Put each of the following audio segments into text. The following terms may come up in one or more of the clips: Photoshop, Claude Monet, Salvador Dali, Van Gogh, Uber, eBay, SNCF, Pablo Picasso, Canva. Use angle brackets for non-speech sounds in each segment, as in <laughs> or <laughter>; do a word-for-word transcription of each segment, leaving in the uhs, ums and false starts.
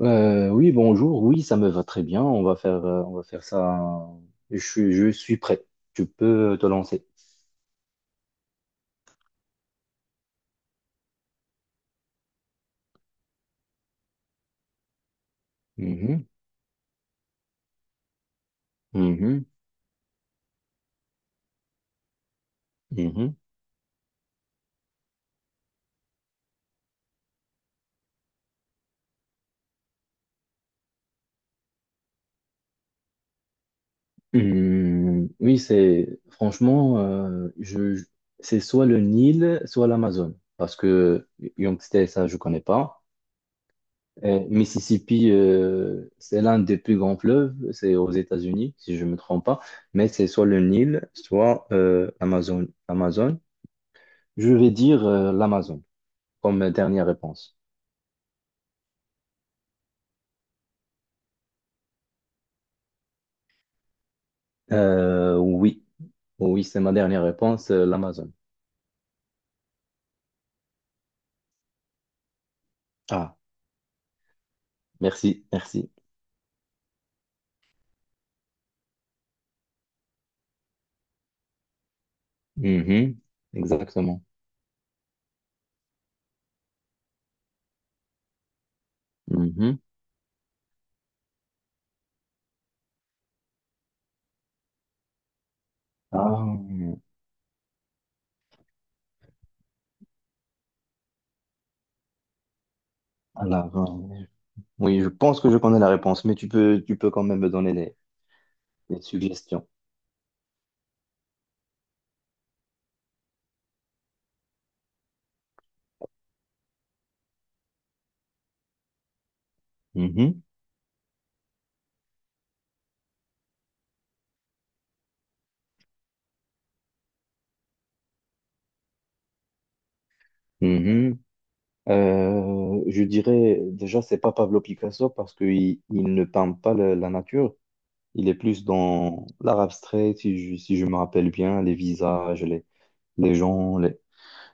Euh, oui, bonjour. Oui, ça me va très bien. On va faire, euh, on va faire ça. Je, suis- je suis prêt. Tu peux te lancer. Mhm, mhm, mhm. Hum, oui, c'est franchement, euh, je, je- c'est soit le Nil, soit l'Amazone, parce que Yangtze, ça, je connais pas. Euh, Mississippi, euh, c'est l'un des plus grands fleuves. C'est aux États-Unis, si je me trompe pas. Mais c'est soit le Nil, soit euh, l'Amazone. Amazon. Je vais dire l'Amazon comme dernière réponse. Euh, oui, oui, c'est ma dernière réponse, euh, l'Amazon. Ah, merci, merci. Mhm. Exactement. Mhm. Ah, alors, euh, oui, je pense que je connais la réponse, mais tu peux, tu peux quand même me donner des, des suggestions. Mhm, mhm. Euh, je dirais déjà, c'est pas Pablo Picasso parce qu'il il ne peint pas le- la nature. Il est plus dans l'art abstrait, si je, si je me rappelle bien, les visages, les, les gens, les.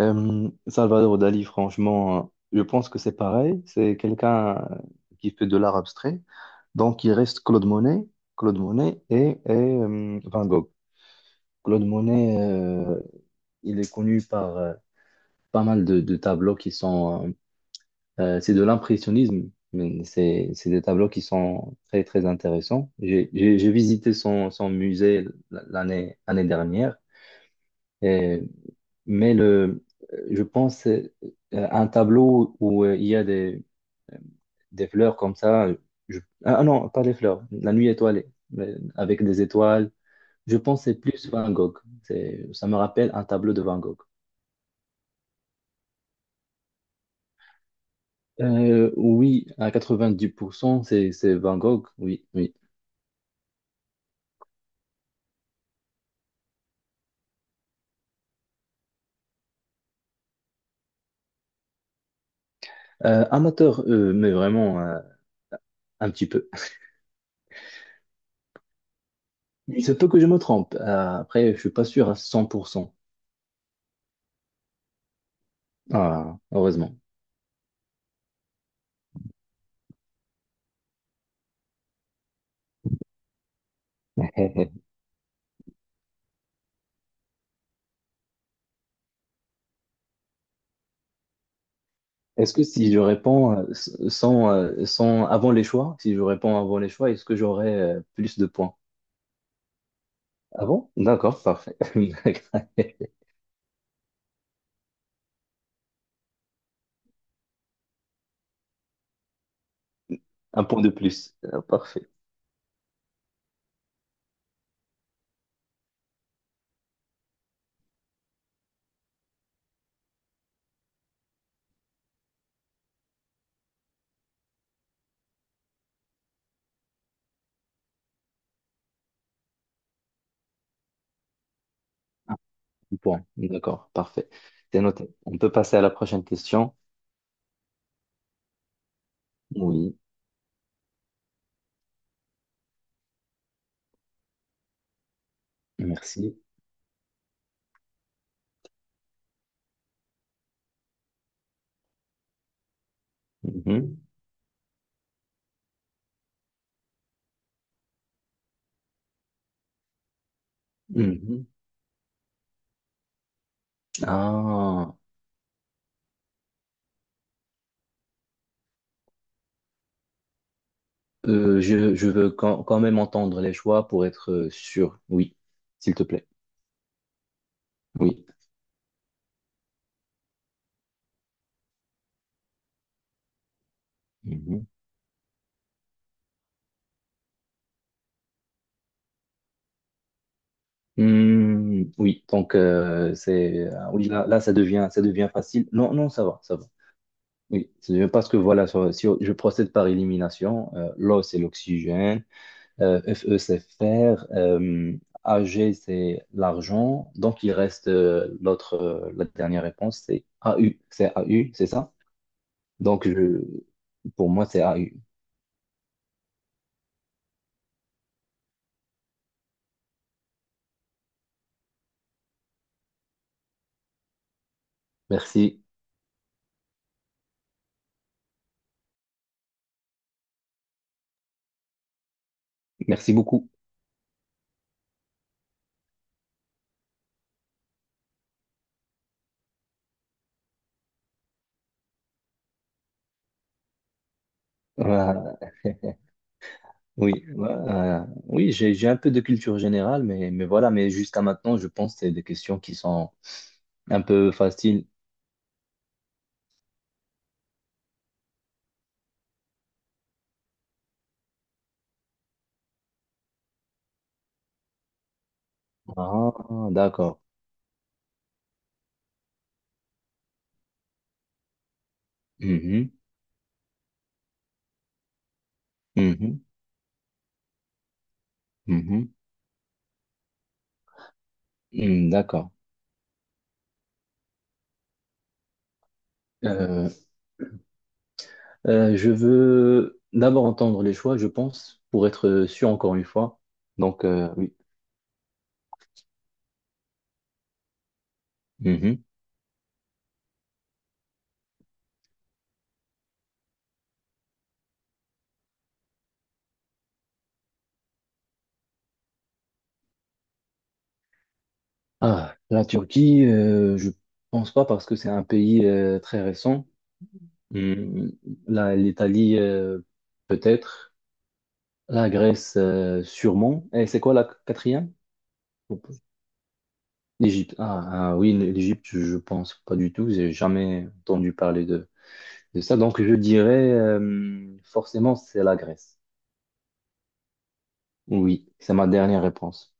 Euh, Salvador Dali, franchement, je pense que c'est pareil. C'est quelqu'un euh, qui fait de l'art abstrait. Donc, il reste Claude Monet, Claude Monet, et, et, euh, Van Gogh. Claude Monet, euh, il est connu par euh, pas mal de, de tableaux qui sont, euh, euh, c'est de l'impressionnisme, mais c'est c'est des tableaux qui sont très, très intéressants. J'ai j'ai- j'ai visité son, son musée l'année l'année dernière. Mais le, je pense euh, à un tableau où euh, il y a des, des fleurs comme ça. je- Ah non, pas des fleurs, la nuit étoilée, mais avec des étoiles. Je pense que c'est plus Van Gogh. C'est, ça me rappelle un tableau de Van Gogh. Euh, oui, à quatre-vingt-dix pour cent, c'est, c'est Van Gogh, oui, oui. Euh, amateur, euh, mais vraiment euh, un petit peu. Il se peut que je me trompe. Euh, après, je suis pas sûr à cent pour cent. Ah, heureusement. <laughs> Est-ce que si je réponds euh, s- sans, euh, sans avant les choix, si je réponds avant les choix, est-ce que j'aurai euh, plus de points? Ah bon? D'accord, parfait. <laughs> Un point de plus. Ah, Parfait. Un point. D'accord, parfait. C'est noté. On peut passer à la prochaine question. Oui, merci. Mhm. Mhm. Ah, euh, je, je veux quand, quand même entendre les choix pour être euh, sûr. Oui, s'il te plaît. Oui. Mhm. Hmm, oui, donc euh, c'est euh, oui là, là ça devient ça devient facile. Non non, ça va ça va. Oui, ça devient parce que voilà ça si je procède par élimination, euh, l'O c'est l'oxygène, euh, Fe c'est fer, euh, Ag c'est l'argent, donc il reste euh, l'autre euh, la dernière réponse c'est A U c'est A U c'est ça? Donc je Pour moi c'est A U. Merci merci beaucoup. Voilà. <laughs> Oui, ouais, euh, oui, j'ai j'ai un peu de culture générale, mais, mais voilà, mais jusqu'à maintenant, je pense que c'est des questions qui sont un peu faciles. Ah, d'accord. Mhm, mhm, mhm, mhm, d'accord. Euh, euh, je veux d'abord entendre les choix, je pense, pour être sûr encore une fois. Donc, euh, oui. Mhm. Ah, la Turquie, euh, je pense pas parce que c'est un pays euh, très récent. Hmm, la- l'Italie, euh, peut-être. La Grèce, euh, sûrement. Et c'est quoi la quatrième? L'Égypte. Ah, ah oui, l'Égypte, je pense pas du tout. J'ai jamais entendu parler de, de ça. Donc, je dirais euh, forcément, c'est la Grèce. Oui, c'est ma dernière réponse.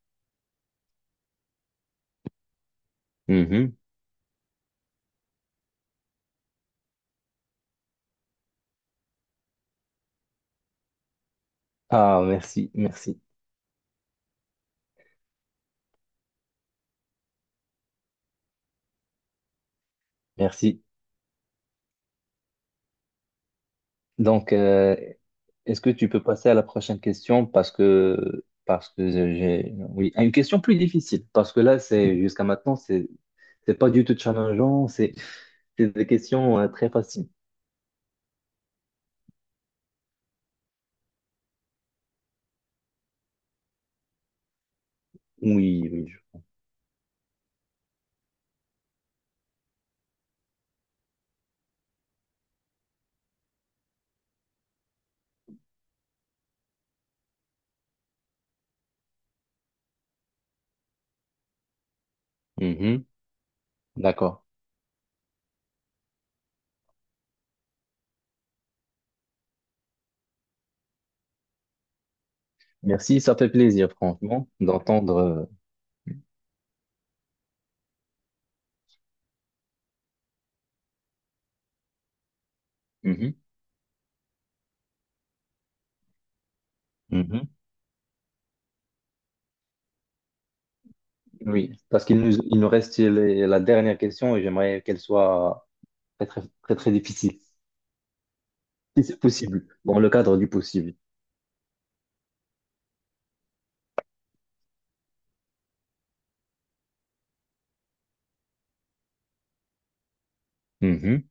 Mhm. Ah, merci, merci, merci. Donc, euh, est-ce que tu peux passer à la prochaine question parce que parce que j'ai oui à une question plus difficile parce que là c'est jusqu'à maintenant c'est c'est pas du tout challengeant c'est c'est des questions euh, très faciles. Oui, oui. Mhm, D'accord. Merci, ça fait plaisir, franchement, d'entendre. Euh, mhm, mhm. Oui, parce qu'il nous, il nous reste les- la dernière question et j'aimerais qu'elle soit très, très, très, très difficile, si c'est possible, dans le cadre du possible. Mhm.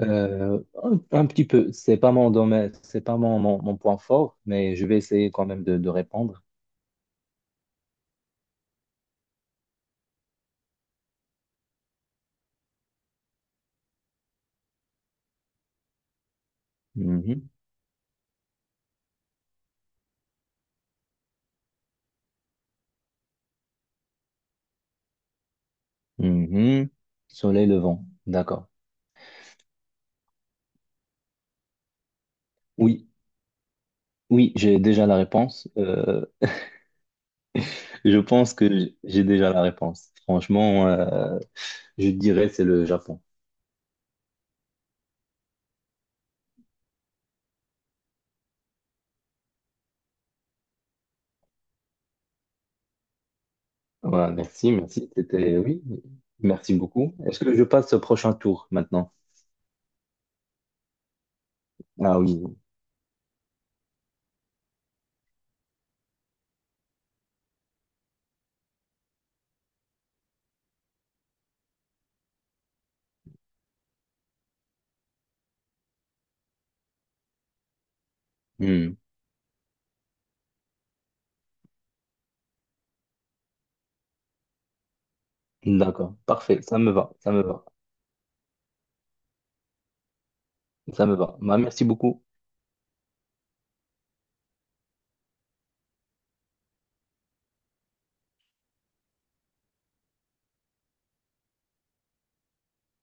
Euh, un, un petit peu, c'est pas mon domaine, c'est pas mon, mon, mon point fort, mais je vais essayer quand même de, de répondre. Mhm, mhm. Soleil levant, d'accord. Oui, oui, j'ai déjà la réponse. Euh, Je pense que j- j'ai déjà la réponse. Franchement, euh, je dirais c'est le Japon. Voilà, merci, merci. C'était oui, merci beaucoup. Est-ce que je passe au prochain tour maintenant? Ah oui. Hmm. D'accord, parfait. Ça me va, ça me va, ça me va. Bah, merci beaucoup.